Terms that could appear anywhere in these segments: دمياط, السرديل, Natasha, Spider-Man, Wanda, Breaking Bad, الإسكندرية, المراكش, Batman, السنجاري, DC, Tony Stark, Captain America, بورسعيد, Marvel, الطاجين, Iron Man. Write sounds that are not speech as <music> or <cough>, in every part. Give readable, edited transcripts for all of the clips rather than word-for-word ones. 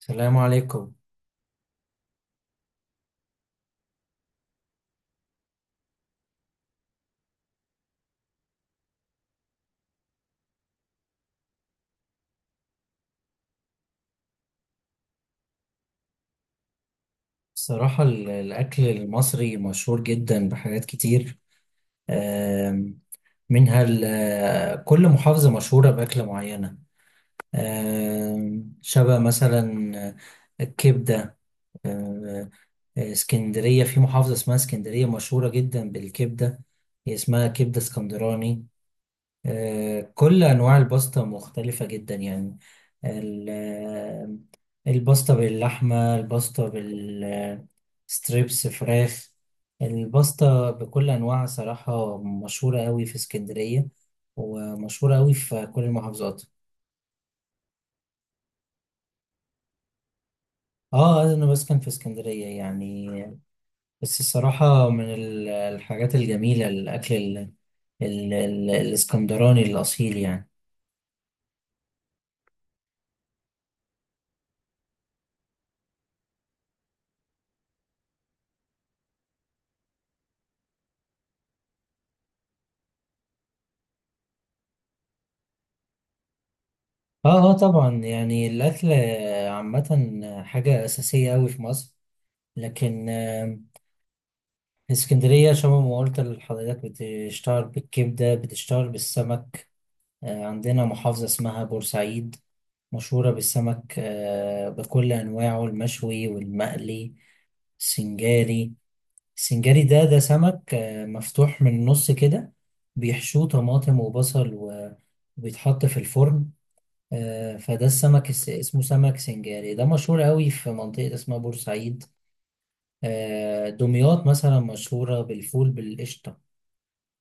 السلام عليكم. الصراحة الأكل المصري مشهور جدا بحاجات كتير. آم، منها كل محافظة مشهورة بأكلة معينة. شبه مثلا الكبدة. آم، اسكندرية، في محافظة اسمها اسكندرية مشهورة جدا بالكبدة، هي اسمها كبدة اسكندراني. كل أنواع الباستا مختلفة جدا يعني. الباستا باللحمة، الباستا بالستريبس فراخ، الباستا بكل أنواعها صراحة مشهورة أوي في اسكندرية، ومشهورة أوي في كل المحافظات. اه، أنا بسكن في اسكندرية يعني. بس الصراحة، من الحاجات الجميلة، الأكل الاسكندراني الأصيل يعني. اه اه، طبعا يعني الأكل عامة حاجة أساسية أوي في مصر. لكن اسكندرية شبه ما قلت لحضرتك، بتشتهر بالكبدة، بتشتهر بالسمك. عندنا محافظة اسمها بورسعيد مشهورة بالسمك، بكل أنواعه، المشوي والمقلي، السنجاري. السنجاري ده سمك، مفتوح من النص كده، بيحشوه طماطم وبصل وبيتحط في الفرن. فده السمك، اسمه سمك سنجاري، ده مشهور قوي في منطقة اسمها بورسعيد. دمياط مثلا مشهورة بالفول بالقشطة.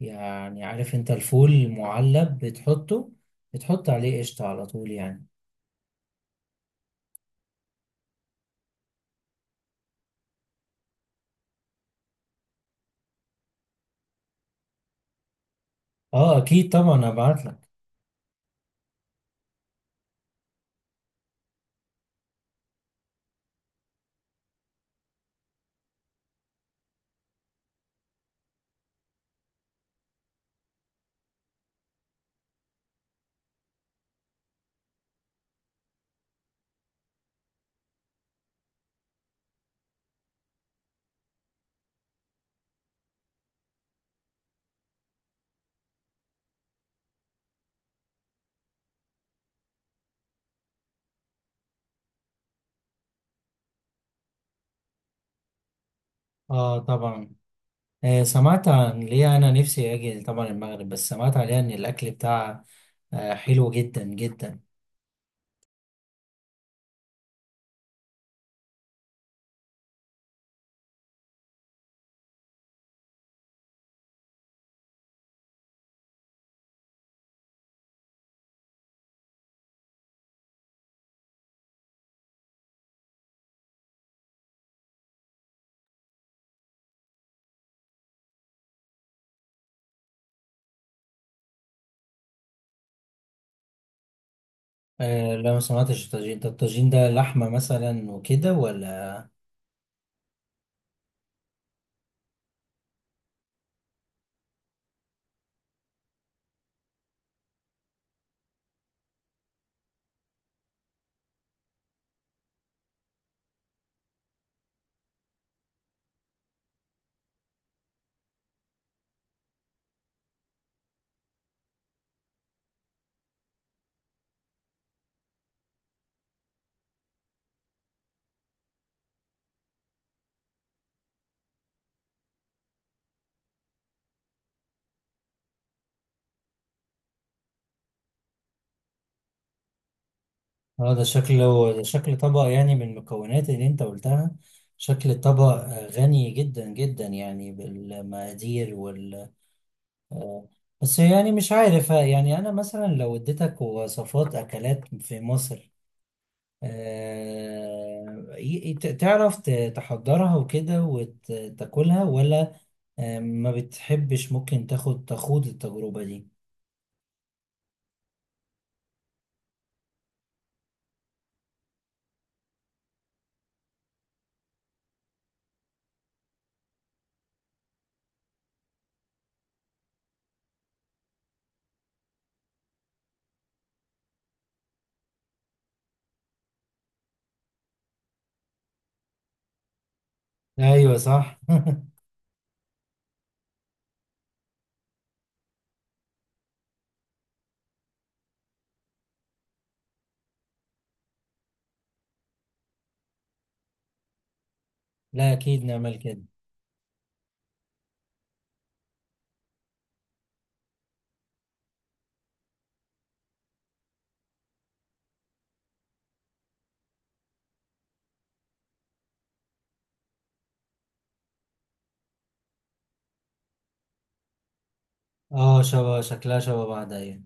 يعني عارف انت الفول المعلب بتحطه، بتحط عليه قشطة على طول يعني. اه، اكيد طبعا هبعت لك. اه طبعا. سمعت عن ليه، انا نفسي اجي طبعا المغرب، بس سمعت عليها ان الاكل بتاعها حلو جدا جدا. لا، ما سمعتش الطاجين ده لحمة مثلا وكده ولا؟ اه، ده شكل طبق يعني، من المكونات اللي انت قلتها. شكل الطبق غني جدا جدا يعني بالمقادير. آه، بس يعني مش عارف، يعني انا مثلا لو اديتك وصفات اكلات في مصر، تعرف تحضرها وكده وتاكلها ولا؟ ما بتحبش، ممكن تخوض التجربة دي. ايوه صح <laughs> لا اكيد، نعمل كده. اه، شكلها شبه بعض، ايوه.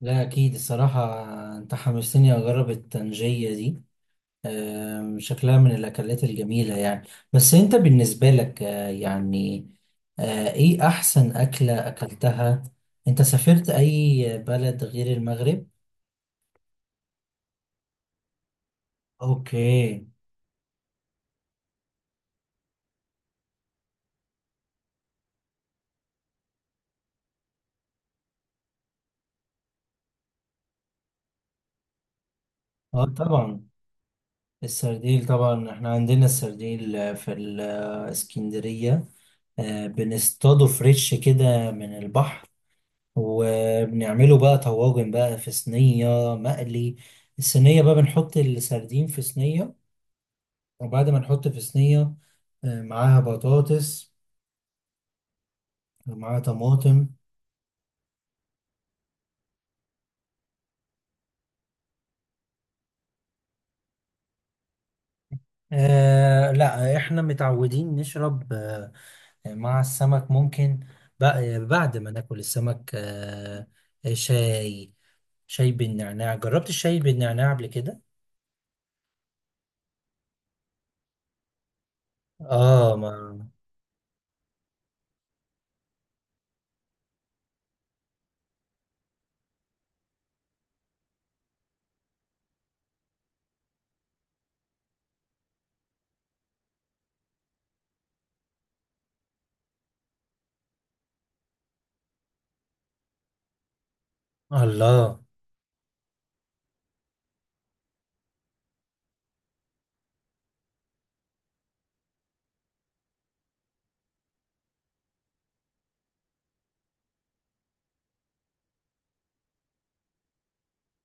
لا اكيد الصراحة، انت حمستني اجرب الطنجية دي. شكلها من الأكلات الجميلة يعني. بس أنت بالنسبة لك، إيه أحسن أكلة أكلتها؟ أنت سافرت أي بلد غير المغرب؟ أوكي. أه طبعا. السرديل طبعا، إحنا عندنا السرديل في الإسكندرية. بنصطاده فريش كده من البحر، وبنعمله بقى طواجن بقى، في صينية مقلي. الصينية بقى بنحط السردين في صينية، وبعد ما نحط في صينية معاها بطاطس، ومعاها طماطم لا، احنا متعودين نشرب مع السمك، ممكن. بعد ما ناكل السمك، شاي. شاي بالنعناع، جربت الشاي بالنعناع قبل كده؟ اه ما. الله،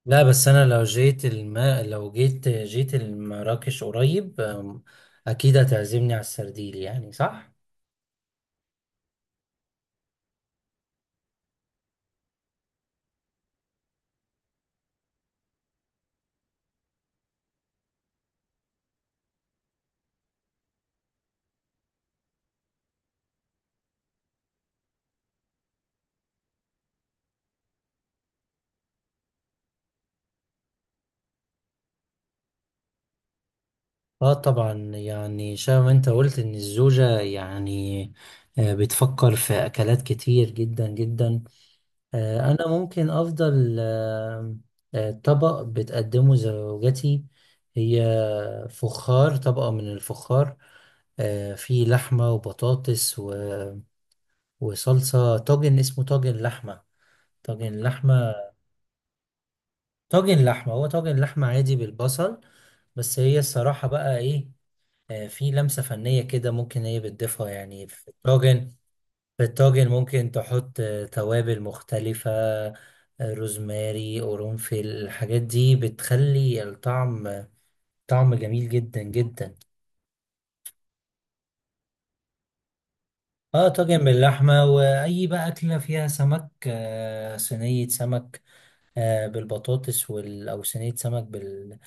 لا بس انا لو جيت المراكش قريب، اكيد هتعزمني على السرديل يعني، صح. اه طبعا، يعني شبه ما انت قلت ان الزوجة يعني بتفكر في اكلات كتير جدا جدا. انا ممكن افضل طبق بتقدمه زوجتي. هي فخار، طبقة من الفخار، فيه لحمة وبطاطس وصلصة طاجن، اسمه طاجن لحمة. طاجن لحمة. طاجن لحمة هو طاجن لحمة عادي بالبصل. بس هي الصراحة بقى ايه، في لمسة فنية كده ممكن هي بتضيفها يعني في الطاجن. ممكن تحط توابل مختلفة، روزماري، قرنفل، الحاجات دي بتخلي طعم جميل جدا جدا. اه، طاجن باللحمة، وأي بقى أكلة فيها سمك، صينية سمك بالبطاطس أو صينية سمك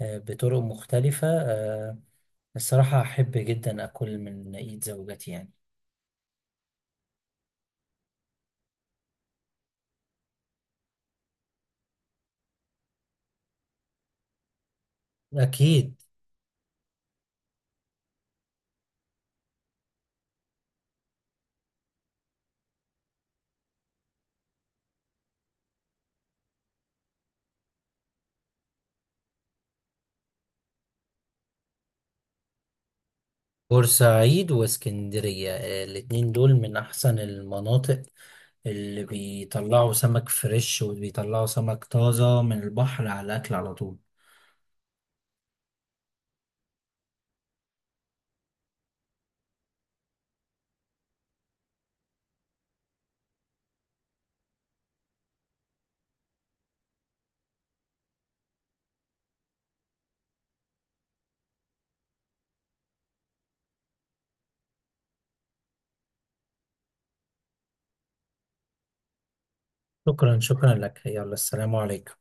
بطرق مختلفة، الصراحة أحب جدا أكل من إيد زوجتي يعني. أكيد. بورسعيد واسكندرية، الاتنين دول من أحسن المناطق اللي بيطلعوا سمك فريش، وبيطلعوا سمك طازة من البحر على الأكل على طول. شكرا شكرا لك، يلا، السلام عليكم.